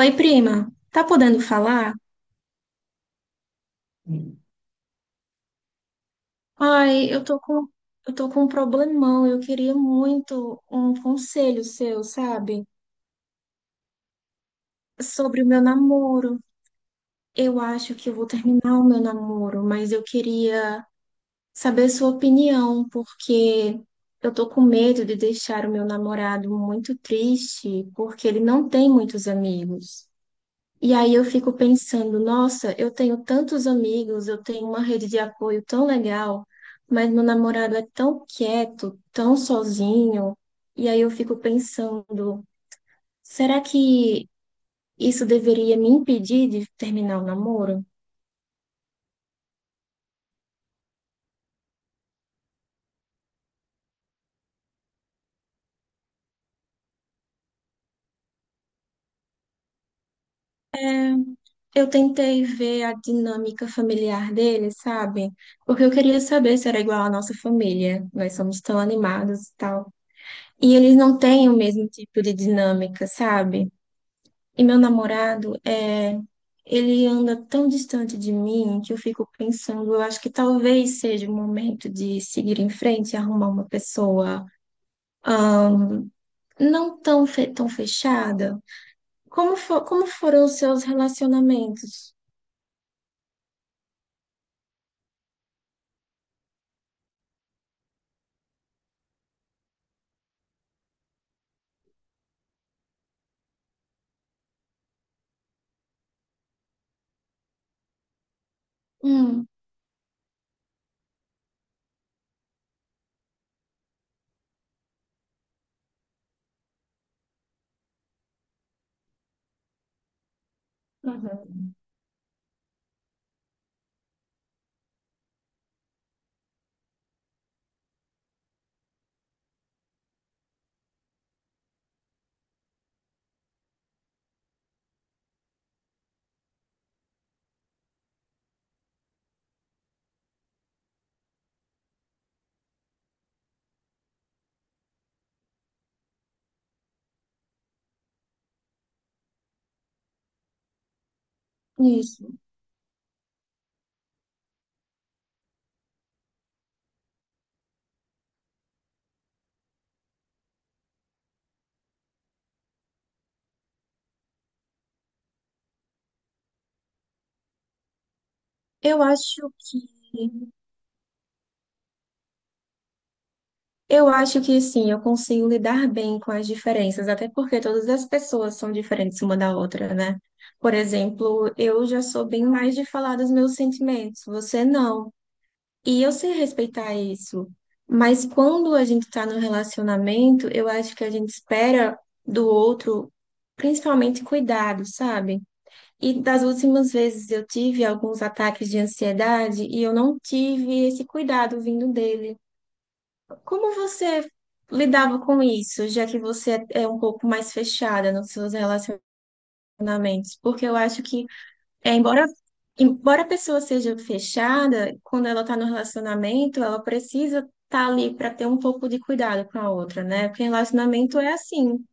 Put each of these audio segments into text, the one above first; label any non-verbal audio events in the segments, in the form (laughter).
Oi, prima, tá podendo falar? Ai, eu tô com um problemão. Eu queria muito um conselho seu, sabe? Sobre o meu namoro. Eu acho que eu vou terminar o meu namoro, mas eu queria saber sua opinião, porque eu tô com medo de deixar o meu namorado muito triste, porque ele não tem muitos amigos. E aí eu fico pensando, nossa, eu tenho tantos amigos, eu tenho uma rede de apoio tão legal, mas meu namorado é tão quieto, tão sozinho. E aí eu fico pensando, será que isso deveria me impedir de terminar o namoro? Eu tentei ver a dinâmica familiar dele, sabe? Porque eu queria saber se era igual à nossa família. Nós somos tão animados e tal. E eles não têm o mesmo tipo de dinâmica, sabe? E meu namorado, ele anda tão distante de mim que eu fico pensando, eu acho que talvez seja o momento de seguir em frente e arrumar uma pessoa, ahn, não tão, tão fechada. Como, como foram os seus relacionamentos? Hum. Uhum. Isso. Eu acho que Eu acho que sim, eu consigo lidar bem com as diferenças, até porque todas as pessoas são diferentes uma da outra, né? Por exemplo, eu já sou bem mais de falar dos meus sentimentos, você não. E eu sei respeitar isso. Mas quando a gente tá no relacionamento, eu acho que a gente espera do outro, principalmente cuidado, sabe? E das últimas vezes eu tive alguns ataques de ansiedade e eu não tive esse cuidado vindo dele. Como você lidava com isso, já que você é um pouco mais fechada nos seus relacionamentos? Porque eu acho que, embora, embora a pessoa seja fechada, quando ela está no relacionamento, ela precisa estar ali para ter um pouco de cuidado com a outra, né? Porque relacionamento é assim.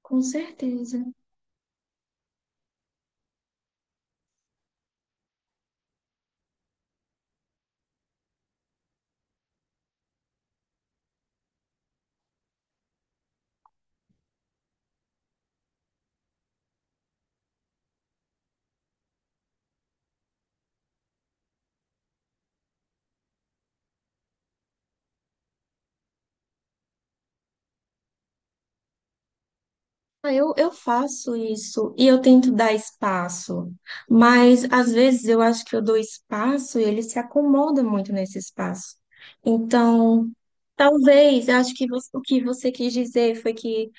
Com certeza. Ah, eu faço isso e eu tento dar espaço, mas às vezes eu acho que eu dou espaço e ele se acomoda muito nesse espaço. Então, talvez, eu acho que você, o que você quis dizer foi que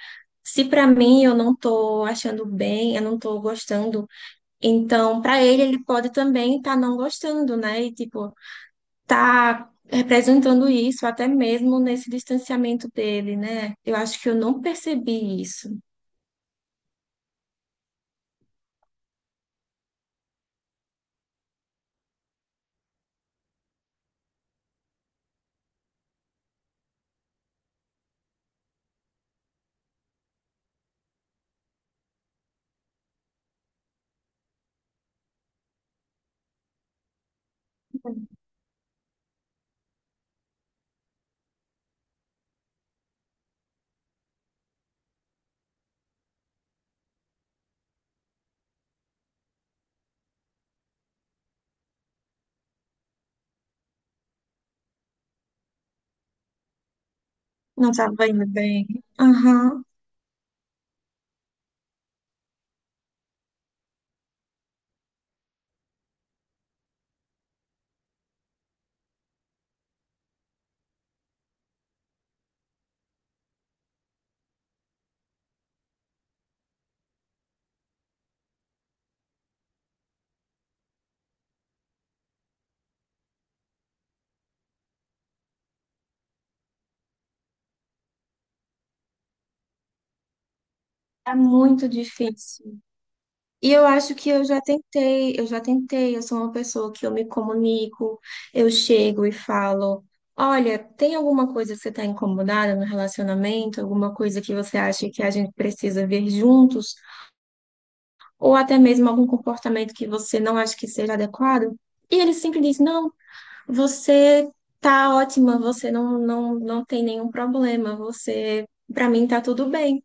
se para mim eu não tô achando bem, eu não tô gostando, então para ele ele pode também estar não gostando, né? E tipo, tá representando isso até mesmo nesse distanciamento dele, né? Eu acho que eu não percebi isso. Não estava indo bem. Aham. É muito difícil. E eu acho que eu já tentei, eu já tentei. Eu sou uma pessoa que eu me comunico, eu chego e falo: olha, tem alguma coisa que você está incomodada no relacionamento? Alguma coisa que você acha que a gente precisa ver juntos? Ou até mesmo algum comportamento que você não acha que seja adequado? E ele sempre diz: não, você tá ótima, você não, não, não tem nenhum problema, você, para mim, tá tudo bem.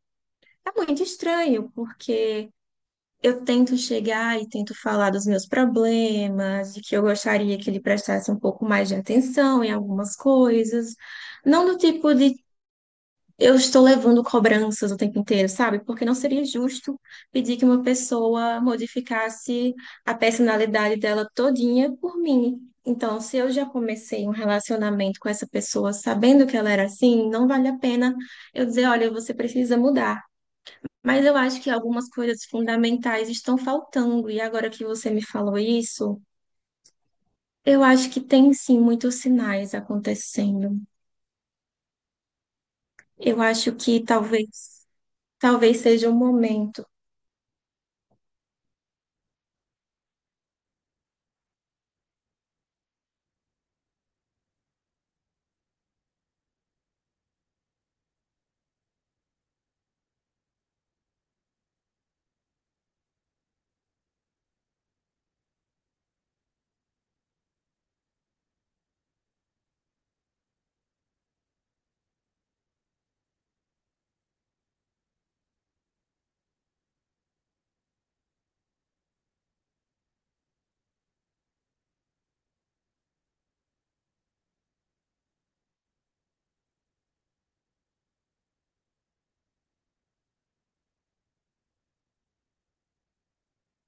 É muito estranho, porque eu tento chegar e tento falar dos meus problemas, de que eu gostaria que ele prestasse um pouco mais de atenção em algumas coisas. Não do tipo de eu estou levando cobranças o tempo inteiro, sabe? Porque não seria justo pedir que uma pessoa modificasse a personalidade dela todinha por mim. Então, se eu já comecei um relacionamento com essa pessoa sabendo que ela era assim, não vale a pena eu dizer, olha, você precisa mudar. Mas eu acho que algumas coisas fundamentais estão faltando, e agora que você me falou isso, eu acho que tem sim muitos sinais acontecendo. Eu acho que talvez, talvez seja um momento.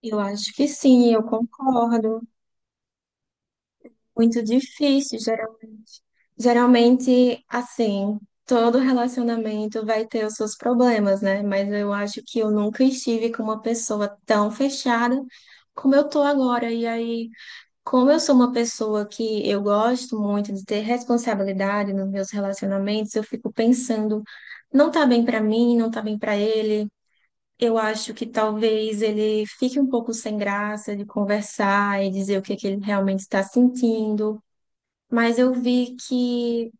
Eu acho que sim, eu concordo. Muito difícil, geralmente. Geralmente, assim, todo relacionamento vai ter os seus problemas, né? Mas eu acho que eu nunca estive com uma pessoa tão fechada como eu tô agora. E aí, como eu sou uma pessoa que eu gosto muito de ter responsabilidade nos meus relacionamentos, eu fico pensando, não tá bem pra mim, não tá bem pra ele. Eu acho que talvez ele fique um pouco sem graça de conversar e dizer o que é que ele realmente está sentindo. Mas eu vi que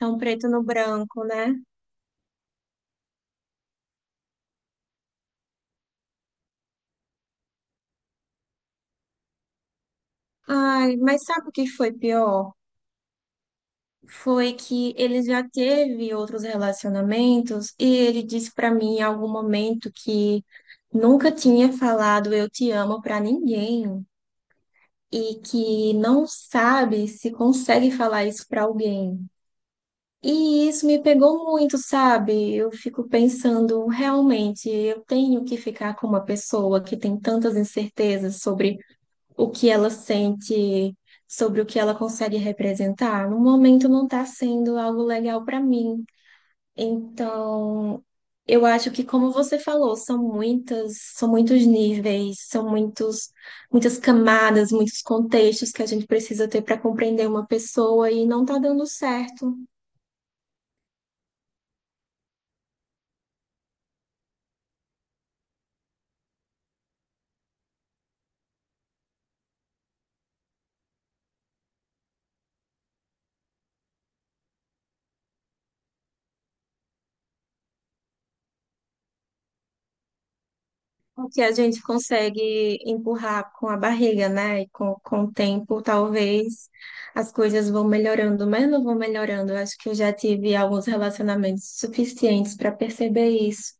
é um preto no branco, né? Ai, mas sabe o que foi pior? Foi que ele já teve outros relacionamentos e ele disse pra mim em algum momento que nunca tinha falado eu te amo pra ninguém e que não sabe se consegue falar isso pra alguém. E isso me pegou muito, sabe? Eu fico pensando, realmente, eu tenho que ficar com uma pessoa que tem tantas incertezas sobre o que ela sente, sobre o que ela consegue representar, no momento não está sendo algo legal para mim. Então, eu acho que, como você falou, são muitas, são muitos níveis, são muitos, muitas camadas, muitos contextos que a gente precisa ter para compreender uma pessoa e não está dando certo. O que a gente consegue empurrar com a barriga, né? E com o tempo, talvez as coisas vão melhorando, mas não vão melhorando. Eu acho que eu já tive alguns relacionamentos suficientes para perceber isso.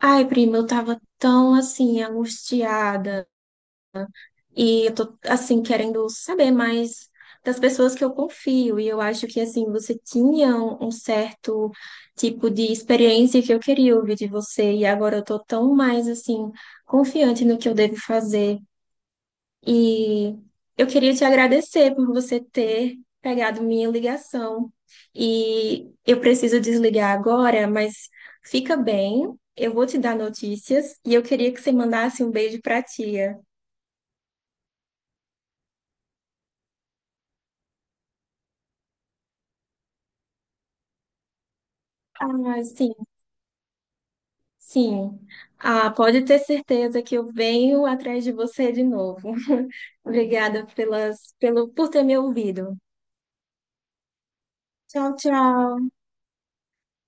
Ai, prima, eu tava tão assim, angustiada. E eu tô, assim, querendo saber mais das pessoas que eu confio. E eu acho que, assim, você tinha um certo tipo de experiência que eu queria ouvir de você. E agora eu tô tão mais, assim, confiante no que eu devo fazer. E eu queria te agradecer por você ter pegado minha ligação. E eu preciso desligar agora, mas fica bem. Eu vou te dar notícias e eu queria que você mandasse um beijo pra tia. Ah, sim. Sim, ah, pode ter certeza que eu venho atrás de você de novo. (laughs) Obrigada pelas, pelo, por ter me ouvido. Tchau, tchau.